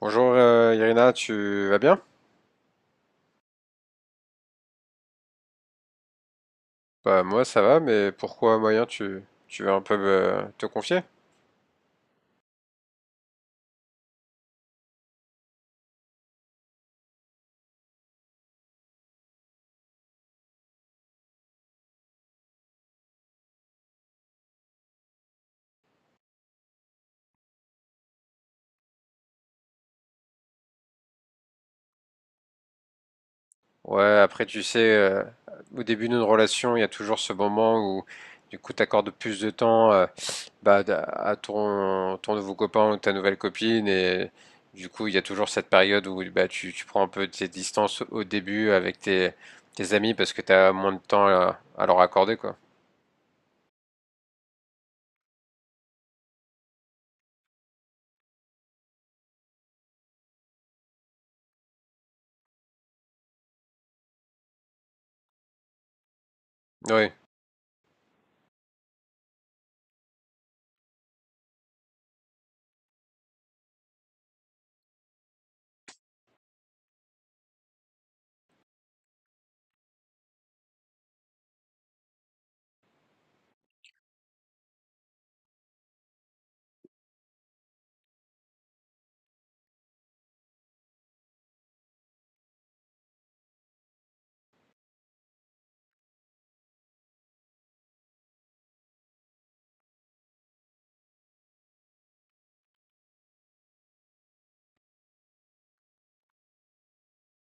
Bonjour Irina, tu vas bien? Bah moi ça va, mais pourquoi moyen tu veux un peu te confier? Ouais, après tu sais, au début d'une relation, il y a toujours ce moment où du coup t'accordes plus de temps bah, à ton nouveau copain ou ta nouvelle copine, et du coup il y a toujours cette période où bah, tu prends un peu de tes distances au début avec tes amis parce que t'as moins de temps à leur accorder quoi. Oui,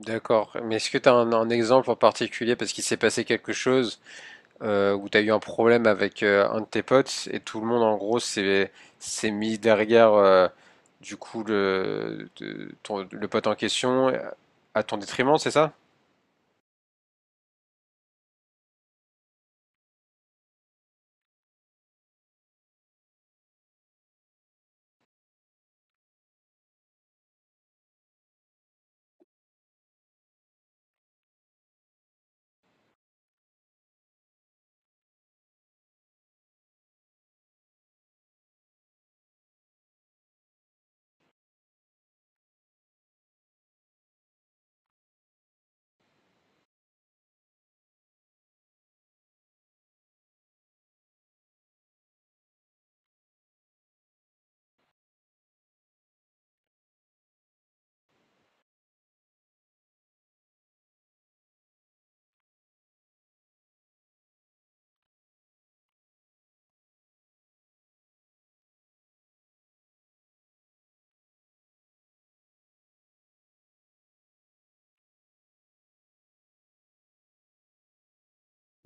d'accord. Mais est-ce que t'as un exemple en particulier parce qu'il s'est passé quelque chose? Où t'as eu un problème avec un de tes potes et tout le monde en gros s'est mis derrière du coup le pote en question, à ton détriment, c'est ça?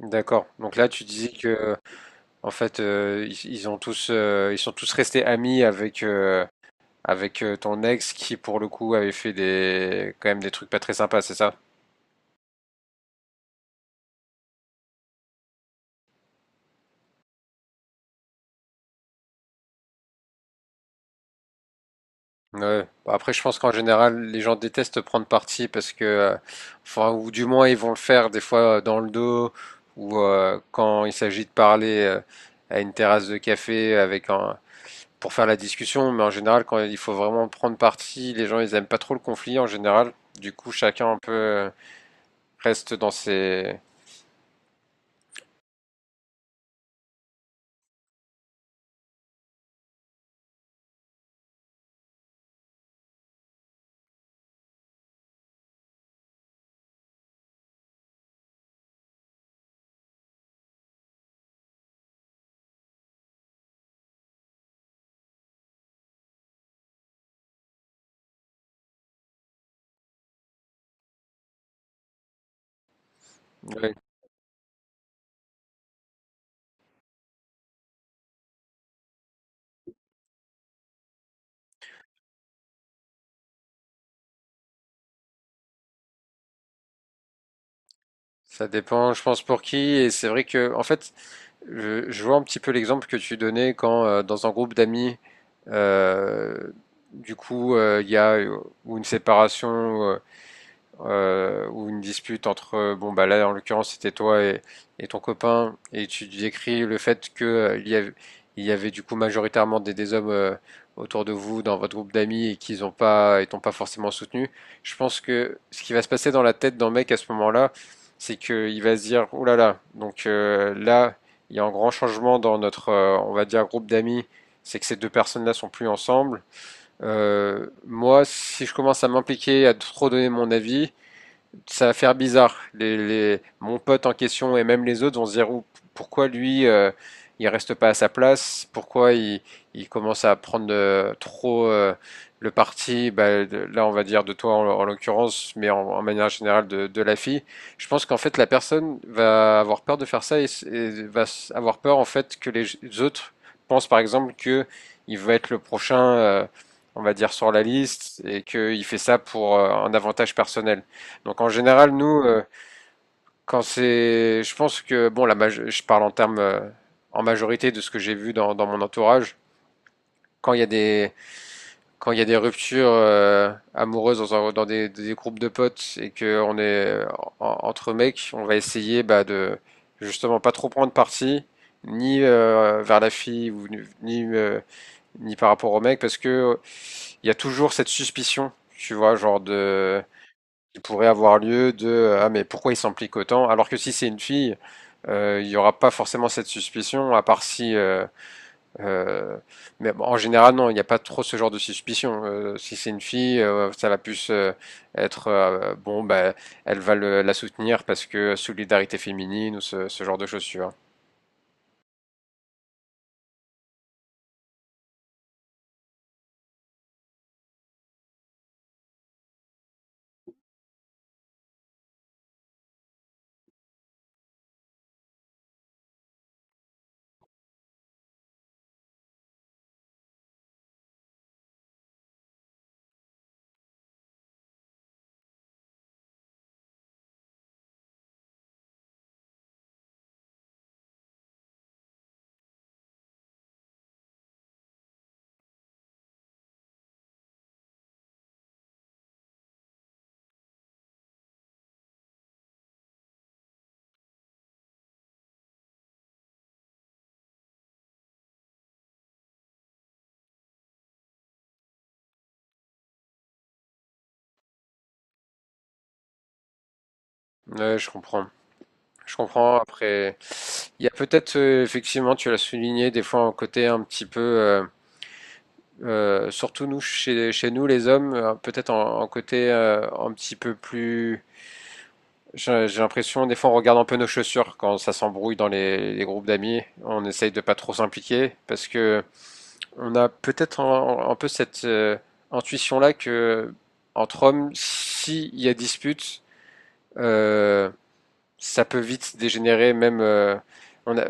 D'accord. Donc là, tu disais que en fait ils ont tous ils sont tous restés amis avec ton ex qui pour le coup avait fait des quand même des trucs pas très sympas, c'est ça? Ouais. Bah, après, je pense qu'en général, les gens détestent prendre parti parce que, enfin, ou du moins, ils vont le faire des fois dans le dos ou quand il s'agit de parler à une terrasse de café avec un, pour faire la discussion. Mais en général, quand il faut vraiment prendre parti, les gens, ils aiment pas trop le conflit en général. Du coup, chacun un peu reste dans ses. Ouais. Ça dépend, je pense, pour qui. Et c'est vrai que, en fait, je vois un petit peu l'exemple que tu donnais quand dans un groupe d'amis, euh, du coup, il y a ou une séparation ou une dispute entre, bon bah là en l'occurrence c'était toi et ton copain, et tu décris le fait que il y avait du coup majoritairement des hommes autour de vous dans votre groupe d'amis et qu'ils ont pas, et t'ont pas forcément soutenu. Je pense que ce qui va se passer dans la tête d'un mec à ce moment-là, c'est qu'il va se dire, oh là là, donc là il y a un grand changement dans notre, on va dire groupe d'amis, c'est que ces deux personnes-là sont plus ensemble. Moi, si je commence à m'impliquer, à trop donner mon avis, ça va faire bizarre. Mon pote en question et même les autres vont se dire pourquoi lui, il reste pas à sa place, pourquoi il commence à prendre trop le parti, bah, là on va dire de toi en, en l'occurrence, mais en, en manière générale de la fille. Je pense qu'en fait la personne va avoir peur de faire ça et va avoir peur en fait que les autres pensent par exemple que il va être le prochain on va dire sur la liste, et qu'il fait ça pour un avantage personnel. Donc en général, nous, quand c'est, je pense que bon, je parle en termes en majorité de ce que j'ai vu dans, dans mon entourage. Quand il y a des Quand il y a des ruptures amoureuses dans, dans des groupes de potes et que on est entre mecs, on va essayer bah, de justement pas trop prendre parti ni vers la fille ou ni par rapport au mec parce que il y a toujours cette suspicion, tu vois, genre de. Il pourrait avoir lieu de ah mais pourquoi il s'implique autant? Alors que si c'est une fille, il n'y aura pas forcément cette suspicion, à part si. Euh, mais bon, en général, non, il n'y a pas trop ce genre de suspicion. Si c'est une fille, ça va plus être bon, bah, elle va la soutenir parce que solidarité féminine ou ce genre de choses, tu vois. Ouais, je comprends. Je comprends. Après, il y a peut-être effectivement, tu l'as souligné, des fois un côté un petit peu. Surtout nous, chez nous, les hommes, peut-être en, en côté un petit peu plus. J'ai l'impression, des fois, on regarde un peu nos chaussures quand ça s'embrouille dans les groupes d'amis. On essaye de pas trop s'impliquer parce que on a peut-être un peu cette intuition-là que entre hommes, s'il y a dispute, euh, ça peut vite dégénérer, même. On a,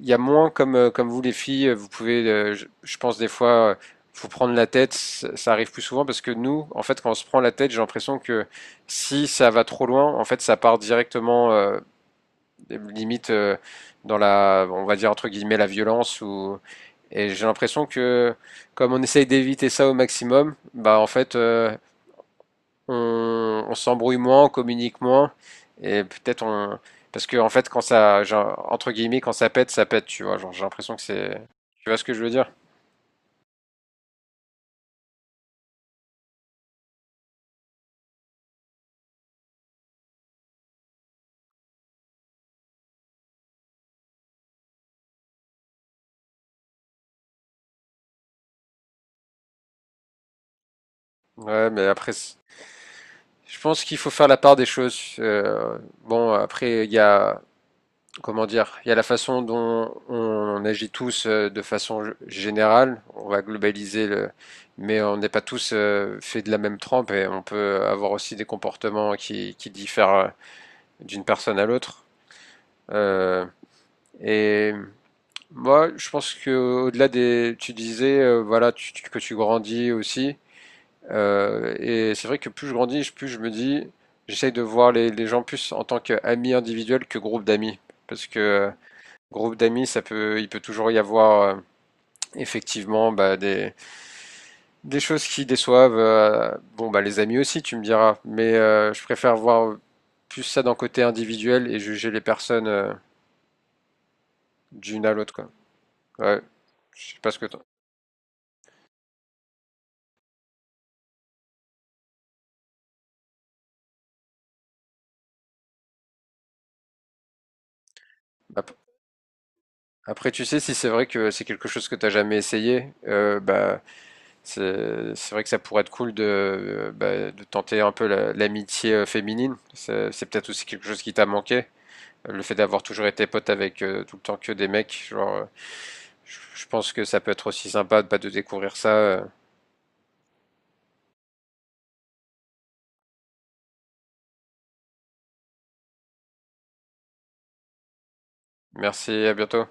il y a moins comme, comme vous les filles, vous pouvez, je pense des fois, vous prendre la tête, ça arrive plus souvent parce que nous, en fait, quand on se prend la tête, j'ai l'impression que si ça va trop loin, en fait, ça part directement, limite, dans la, on va dire entre guillemets, la violence ou, et j'ai l'impression que comme on essaye d'éviter ça au maximum, bah en fait, on s'embrouille moins, on communique moins, et peut-être on. Parce que, en fait, quand ça, genre, entre guillemets, quand ça pète, tu vois. Genre, j'ai l'impression que c'est. Tu vois ce que je veux dire? Ouais, mais après, je pense qu'il faut faire la part des choses. Bon, après, il y a, comment dire, il y a la façon dont on agit tous de façon générale. On va globaliser le, mais on n'est pas tous faits de la même trempe et on peut avoir aussi des comportements qui diffèrent d'une personne à l'autre. Euh, Et moi, je pense que au-delà des, tu disais, voilà, que tu grandis aussi. Et c'est vrai que plus je grandis, plus je me dis, j'essaye de voir les gens plus en tant qu'amis individuels que groupe d'amis, parce que groupe d'amis, ça peut, il peut toujours y avoir effectivement bah, des choses qui déçoivent. Bon, bah les amis aussi, tu me diras. Mais je préfère voir plus ça d'un côté individuel et juger les personnes d'une à l'autre, quoi. Ouais, je sais pas ce que bah, après, tu sais, si c'est vrai que c'est quelque chose que t'as jamais essayé, bah, c'est vrai que ça pourrait être cool de, bah, de tenter un peu l'amitié féminine. C'est peut-être aussi quelque chose qui t'a manqué. Le fait d'avoir toujours été pote avec tout le temps que des mecs, genre, je pense que ça peut être aussi sympa de, bah, de découvrir ça. Merci, à bientôt.